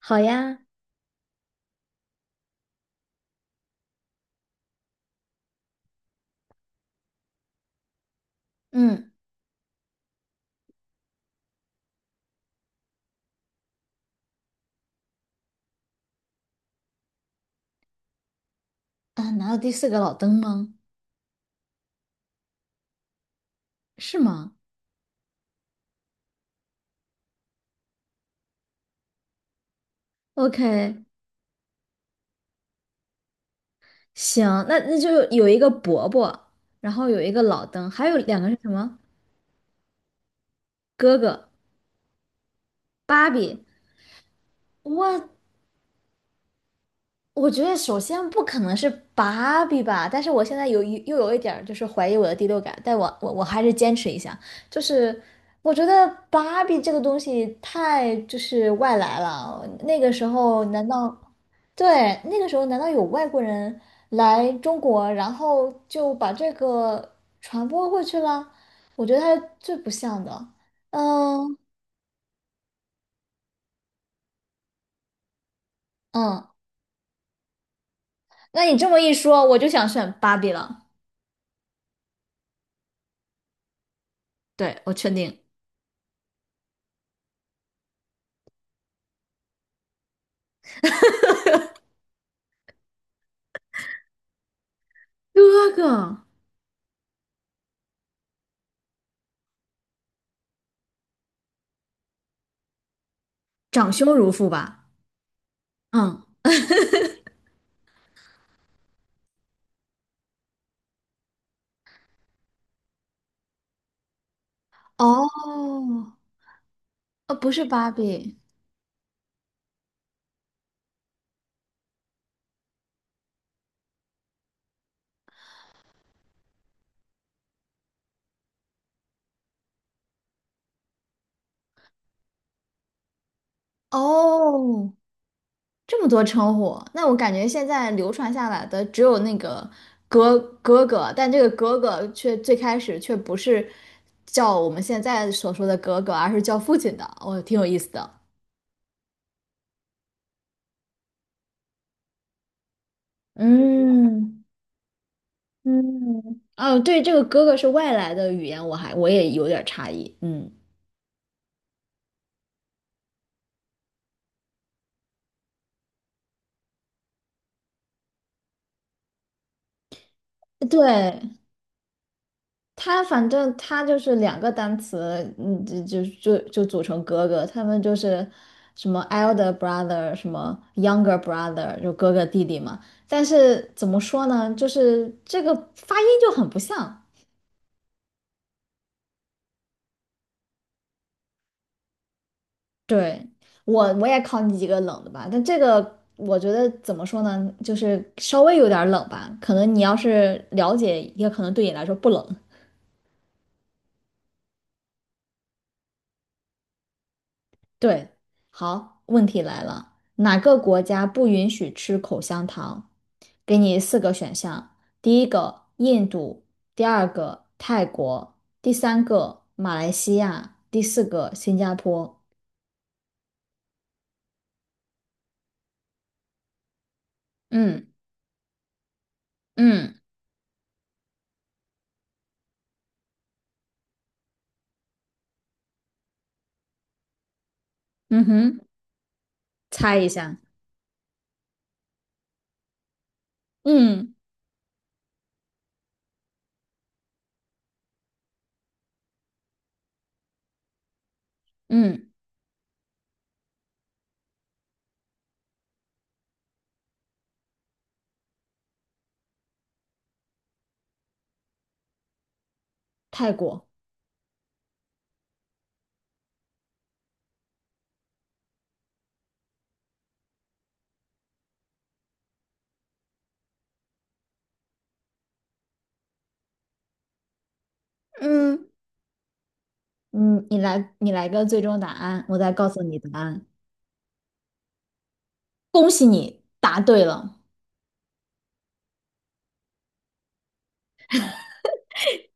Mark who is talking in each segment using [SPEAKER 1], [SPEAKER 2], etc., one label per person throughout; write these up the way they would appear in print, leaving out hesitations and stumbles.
[SPEAKER 1] 好呀。嗯。啊，难道第四个老登吗？是吗？OK。行，那就有一个伯伯，然后有一个老登，还有两个是什么？哥哥，芭比。我我觉得首先不可能是芭比吧，但是我现在有有一点儿就是怀疑我的第六感，但我还是坚持一下，就是我觉得芭比这个东西太就是外来了，那个时候对那个时候难道有外国人来中国，然后就把这个传播过去了？我觉得它是最不像的。嗯。嗯，那你这么一说，我就想选芭比了。对，我确定。哥哥。长兄如父吧？嗯，哦，呃，不是芭比。哦，这么多称呼，那我感觉现在流传下来的只有那个哥哥，但这个哥哥却最开始却不是叫我们现在所说的哥哥，而是叫父亲的，哦，挺有意思的。嗯。嗯，哦，对，这个哥哥是外来的语言，我也有点差异。嗯，对，他反正就是两个单词，嗯，就组成哥哥，他们就是什么 elder brother，什么 younger brother，就哥哥弟弟嘛。但是怎么说呢，就是这个发音就很不像。对，我也考你几个冷的吧，但这个我觉得怎么说呢，就是稍微有点儿冷吧，可能你要是了解，也可能对你来说不冷。对，好，问题来了，哪个国家不允许吃口香糖？给你四个选项，第一个印度，第二个泰国，第三个马来西亚，第四个新加坡。嗯。嗯。嗯哼，猜一下。嗯。嗯，泰国。嗯。嗯，你来，你来个最终答案，我再告诉你答案。恭喜你答对了。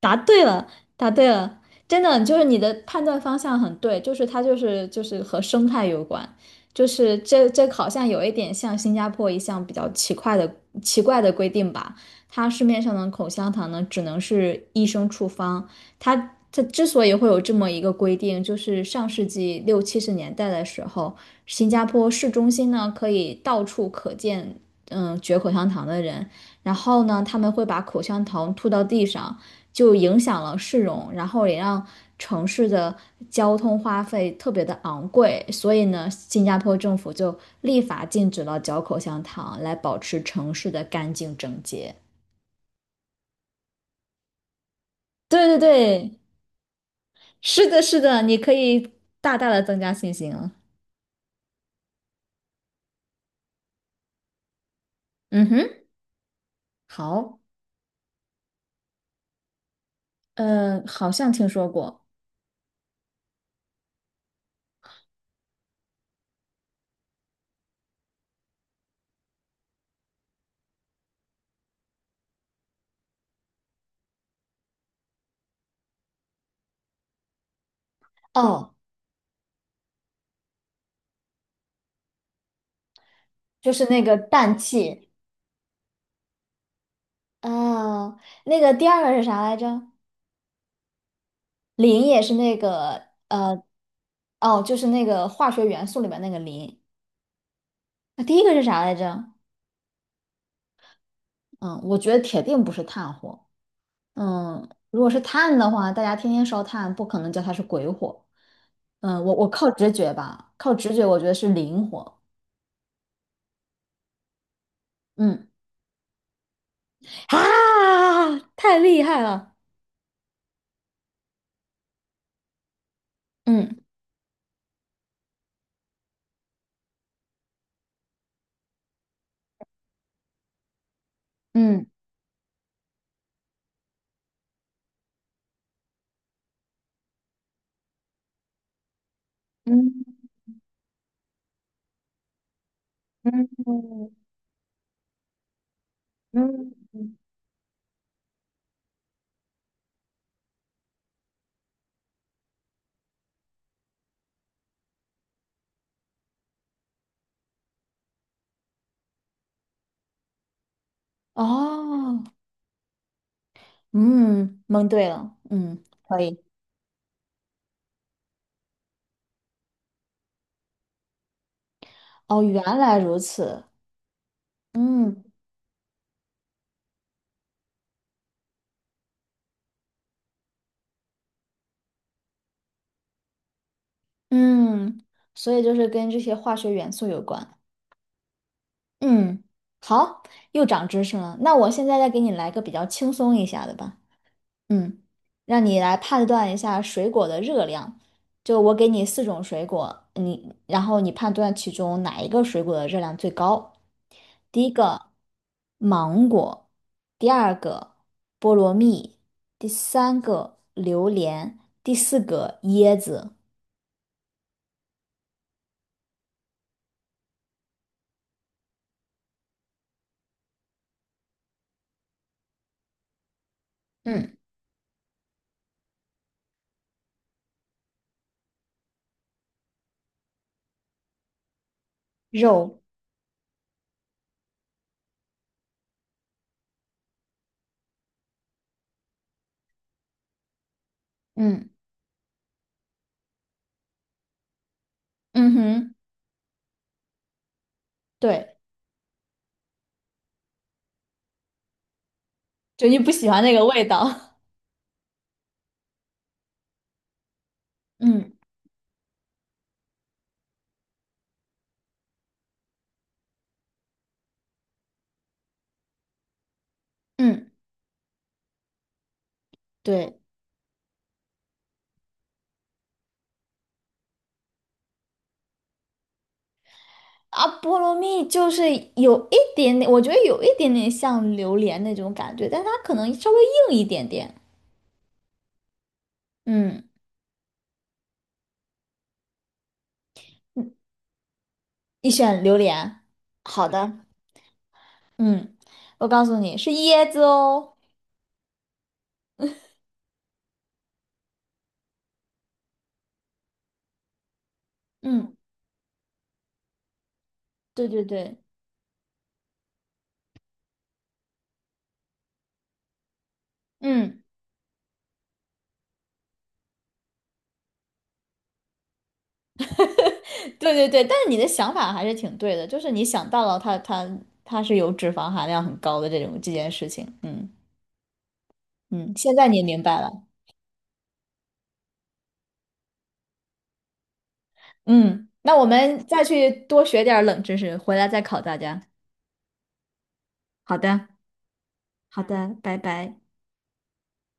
[SPEAKER 1] 答对了，答对了，真的就是你的判断方向很对，就是它就是和生态有关，就是这好像有一点像新加坡一项比较奇怪的规定吧，它市面上的口香糖呢只能是医生处方，它它之所以会有这么一个规定，就是上世纪六七十年代的时候，新加坡市中心呢可以到处可见嚼口香糖的人。然后呢，他们会把口香糖吐到地上，就影响了市容，然后也让城市的交通花费特别的昂贵。所以呢，新加坡政府就立法禁止了嚼口香糖，来保持城市的干净整洁。对对对，是的，是的，你可以大大的增加信心了。嗯哼。好。嗯，好像听说过。哦，就是那个氮气。哦，那个第二个是啥来着？磷也是那个呃。哦，就是那个化学元素里面那个磷。那第一个是啥来着？嗯，我觉得铁定不是炭火。嗯，如果是炭的话，大家天天烧炭，不可能叫它是鬼火。嗯，我靠直觉吧，靠直觉，我觉得是磷火。嗯。啊，太厉害了。嗯。嗯。嗯。嗯。嗯。嗯。哦。嗯，蒙对了，嗯，可以。哦，原来如此。嗯。嗯，所以就是跟这些化学元素有关。嗯，好，又长知识了。那我现在再给你来个比较轻松一下的吧。嗯。让你来判断一下水果的热量。就我给你四种水果，然后你判断其中哪一个水果的热量最高。第一个芒果，第二个菠萝蜜，第三个榴莲，第四个椰子。嗯，肉。嗯。嗯哼，对，就你不喜欢那个味道。嗯。嗯，对。啊，菠萝蜜就是有一点点，我觉得有一点点像榴莲那种感觉，但它可能稍微硬一点点。嗯，你选榴莲。好的，嗯，我告诉你是椰子哦。嗯，对对对，嗯，对对对，但是你的想法还是挺对的，就是你想到了它它是有脂肪含量很高的这件事情。嗯。嗯，现在你也明白了。嗯，那我们再去多学点儿冷知识，回来再考大家。好的，好的，拜拜。